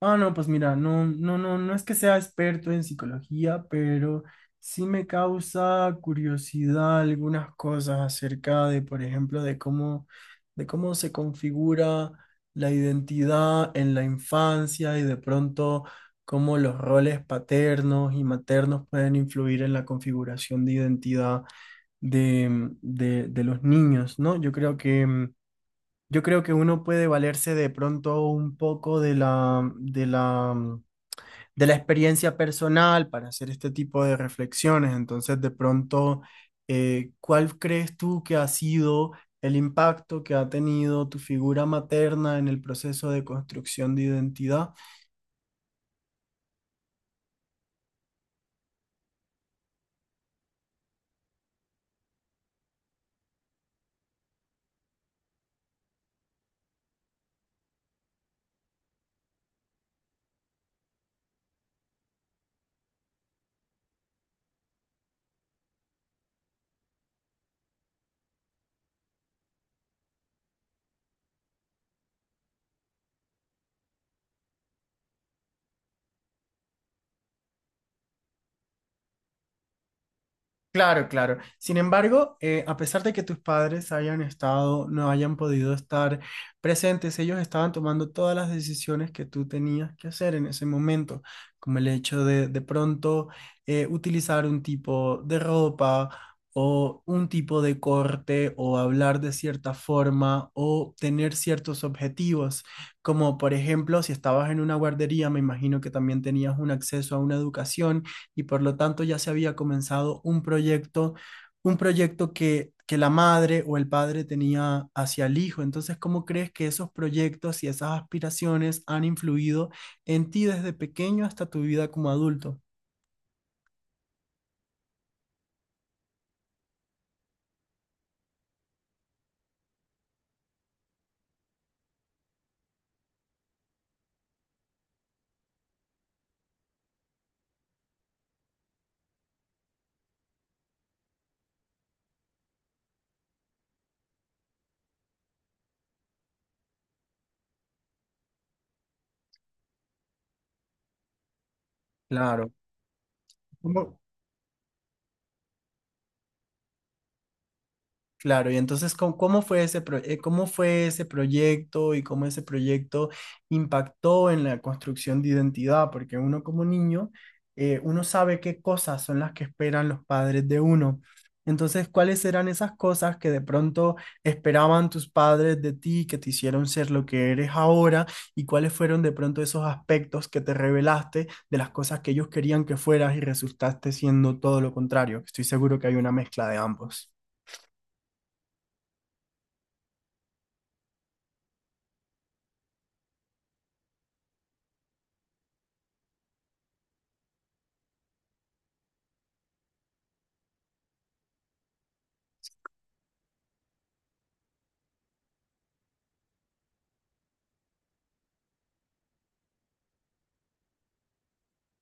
Ah, no, pues mira, no es que sea experto en psicología, pero sí me causa curiosidad algunas cosas acerca de, por ejemplo, de cómo se configura la identidad en la infancia y de pronto cómo los roles paternos y maternos pueden influir en la configuración de identidad de los niños, ¿no? Yo creo que yo creo que uno puede valerse de pronto un poco de la, de la experiencia personal para hacer este tipo de reflexiones. Entonces, de pronto, ¿cuál crees tú que ha sido el impacto que ha tenido tu figura materna en el proceso de construcción de identidad? Claro, claro. Sin embargo, a pesar de que tus padres hayan estado, no hayan podido estar presentes, ellos estaban tomando todas las decisiones que tú tenías que hacer en ese momento, como el hecho de pronto utilizar un tipo de ropa o un tipo de corte o hablar de cierta forma o tener ciertos objetivos, como por ejemplo, si estabas en una guardería, me imagino que también tenías un acceso a una educación y por lo tanto ya se había comenzado un proyecto que la madre o el padre tenía hacia el hijo. Entonces, ¿cómo crees que esos proyectos y esas aspiraciones han influido en ti desde pequeño hasta tu vida como adulto? Claro. ¿Cómo? Claro, y entonces, ¿cómo, cómo fue ese cómo fue ese proyecto y cómo ese proyecto impactó en la construcción de identidad? Porque uno como niño, uno sabe qué cosas son las que esperan los padres de uno. Entonces, ¿cuáles eran esas cosas que de pronto esperaban tus padres de ti, que te hicieron ser lo que eres ahora? ¿Y cuáles fueron de pronto esos aspectos que te revelaste de las cosas que ellos querían que fueras y resultaste siendo todo lo contrario? Estoy seguro que hay una mezcla de ambos.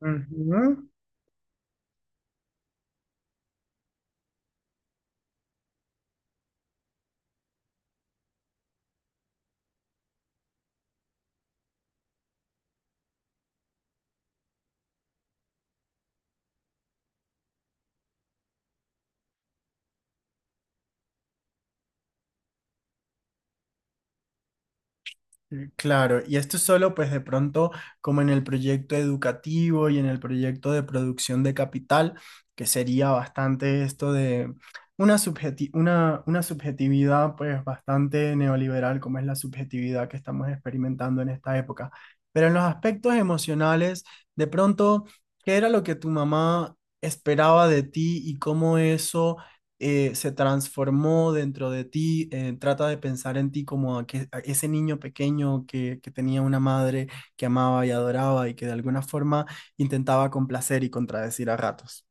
Ujú. Claro, y esto es solo pues de pronto como en el proyecto educativo y en el proyecto de producción de capital, que sería bastante esto de una subjetividad pues bastante neoliberal como es la subjetividad que estamos experimentando en esta época. Pero en los aspectos emocionales, de pronto, ¿qué era lo que tu mamá esperaba de ti y cómo eso se transformó dentro de ti? Trata de pensar en ti como a que, a ese niño pequeño que tenía una madre que amaba y adoraba y que de alguna forma intentaba complacer y contradecir a ratos.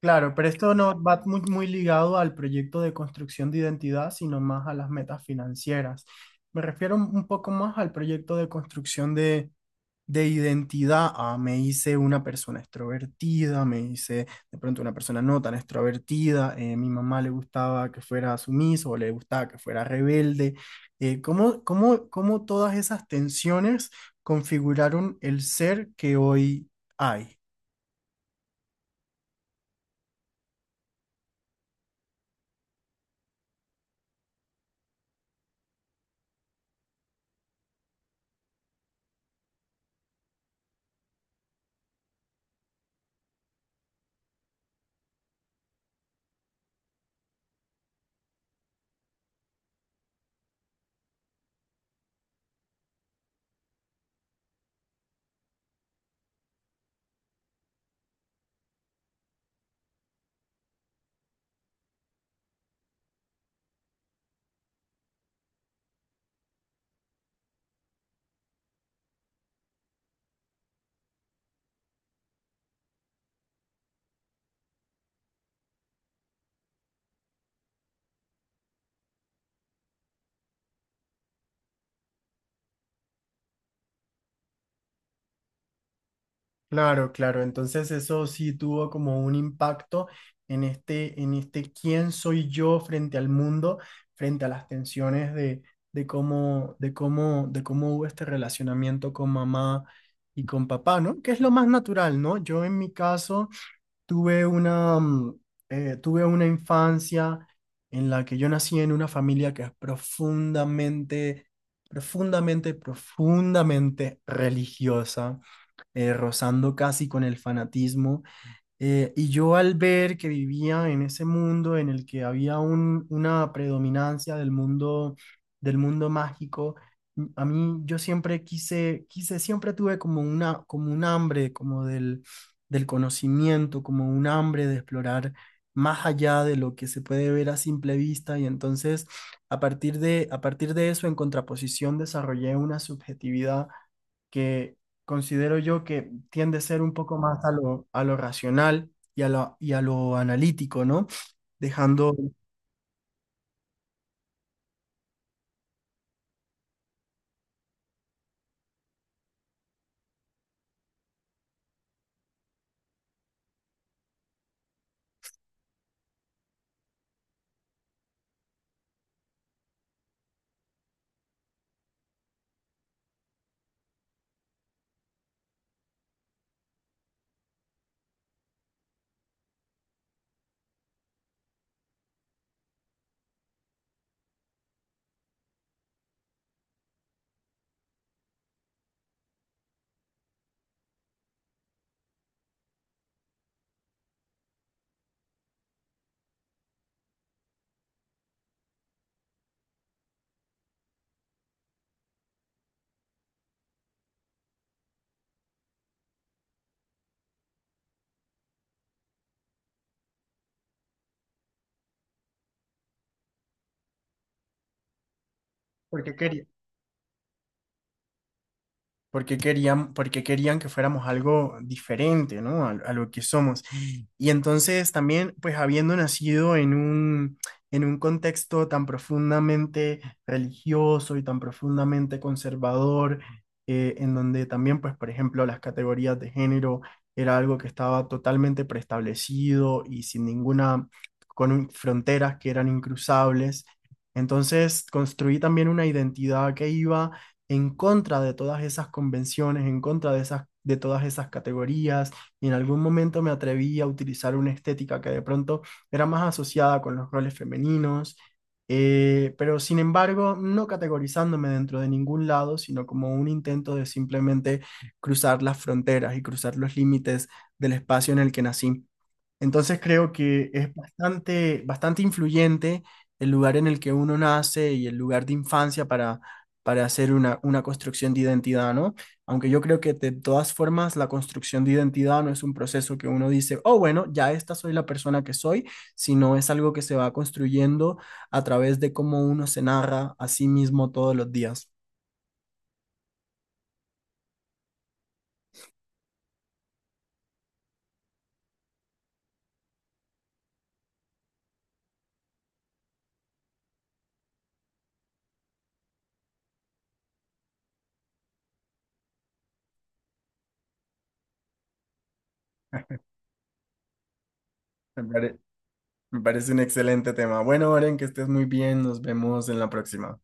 Claro, pero esto no va muy, muy ligado al proyecto de construcción de identidad, sino más a las metas financieras. Me refiero un poco más al proyecto de construcción de identidad. Ah, me hice una persona extrovertida, me hice de pronto una persona no tan extrovertida, mi mamá le gustaba que fuera sumiso o le gustaba que fuera rebelde. ¿Cómo todas esas tensiones configuraron el ser que hoy hay? Claro, claro. Entonces eso sí tuvo como un impacto en este quién soy yo frente al mundo, frente a las tensiones de, de cómo hubo este relacionamiento con mamá y con papá, ¿no? Que es lo más natural, ¿no? Yo en mi caso tuve una, tuve una infancia en la que yo nací en una familia que es profundamente, profundamente religiosa, rozando casi con el fanatismo. Y yo al ver que vivía en ese mundo en el que había una predominancia del mundo mágico, a mí yo siempre siempre tuve como una, como un hambre, como del, del conocimiento, como un hambre de explorar más allá de lo que se puede ver a simple vista. Y entonces, a partir de eso, en contraposición, desarrollé una subjetividad que, considero yo que tiende a ser un poco más a lo racional y a lo analítico, ¿no? Dejando... Porque quería, porque querían que fuéramos algo diferente, ¿no? A lo que somos. Y entonces también, pues habiendo nacido en un contexto tan profundamente religioso y tan profundamente conservador, en donde también, pues, por ejemplo, las categorías de género era algo que estaba totalmente preestablecido y sin ninguna, con fronteras que eran incruzables. Entonces construí también una identidad que iba en contra de todas esas convenciones, en contra de esas, de todas esas categorías, y en algún momento me atreví a utilizar una estética que de pronto era más asociada con los roles femeninos, pero sin embargo, no categorizándome dentro de ningún lado, sino como un intento de simplemente cruzar las fronteras y cruzar los límites del espacio en el que nací. Entonces creo que es bastante, bastante influyente el lugar en el que uno nace y el lugar de infancia para hacer una construcción de identidad, ¿no? Aunque yo creo que de todas formas la construcción de identidad no es un proceso que uno dice, oh, bueno, ya esta soy la persona que soy, sino es algo que se va construyendo a través de cómo uno se narra a sí mismo todos los días. Me pare- me parece un excelente tema. Bueno, Oren, que estés muy bien. Nos vemos en la próxima.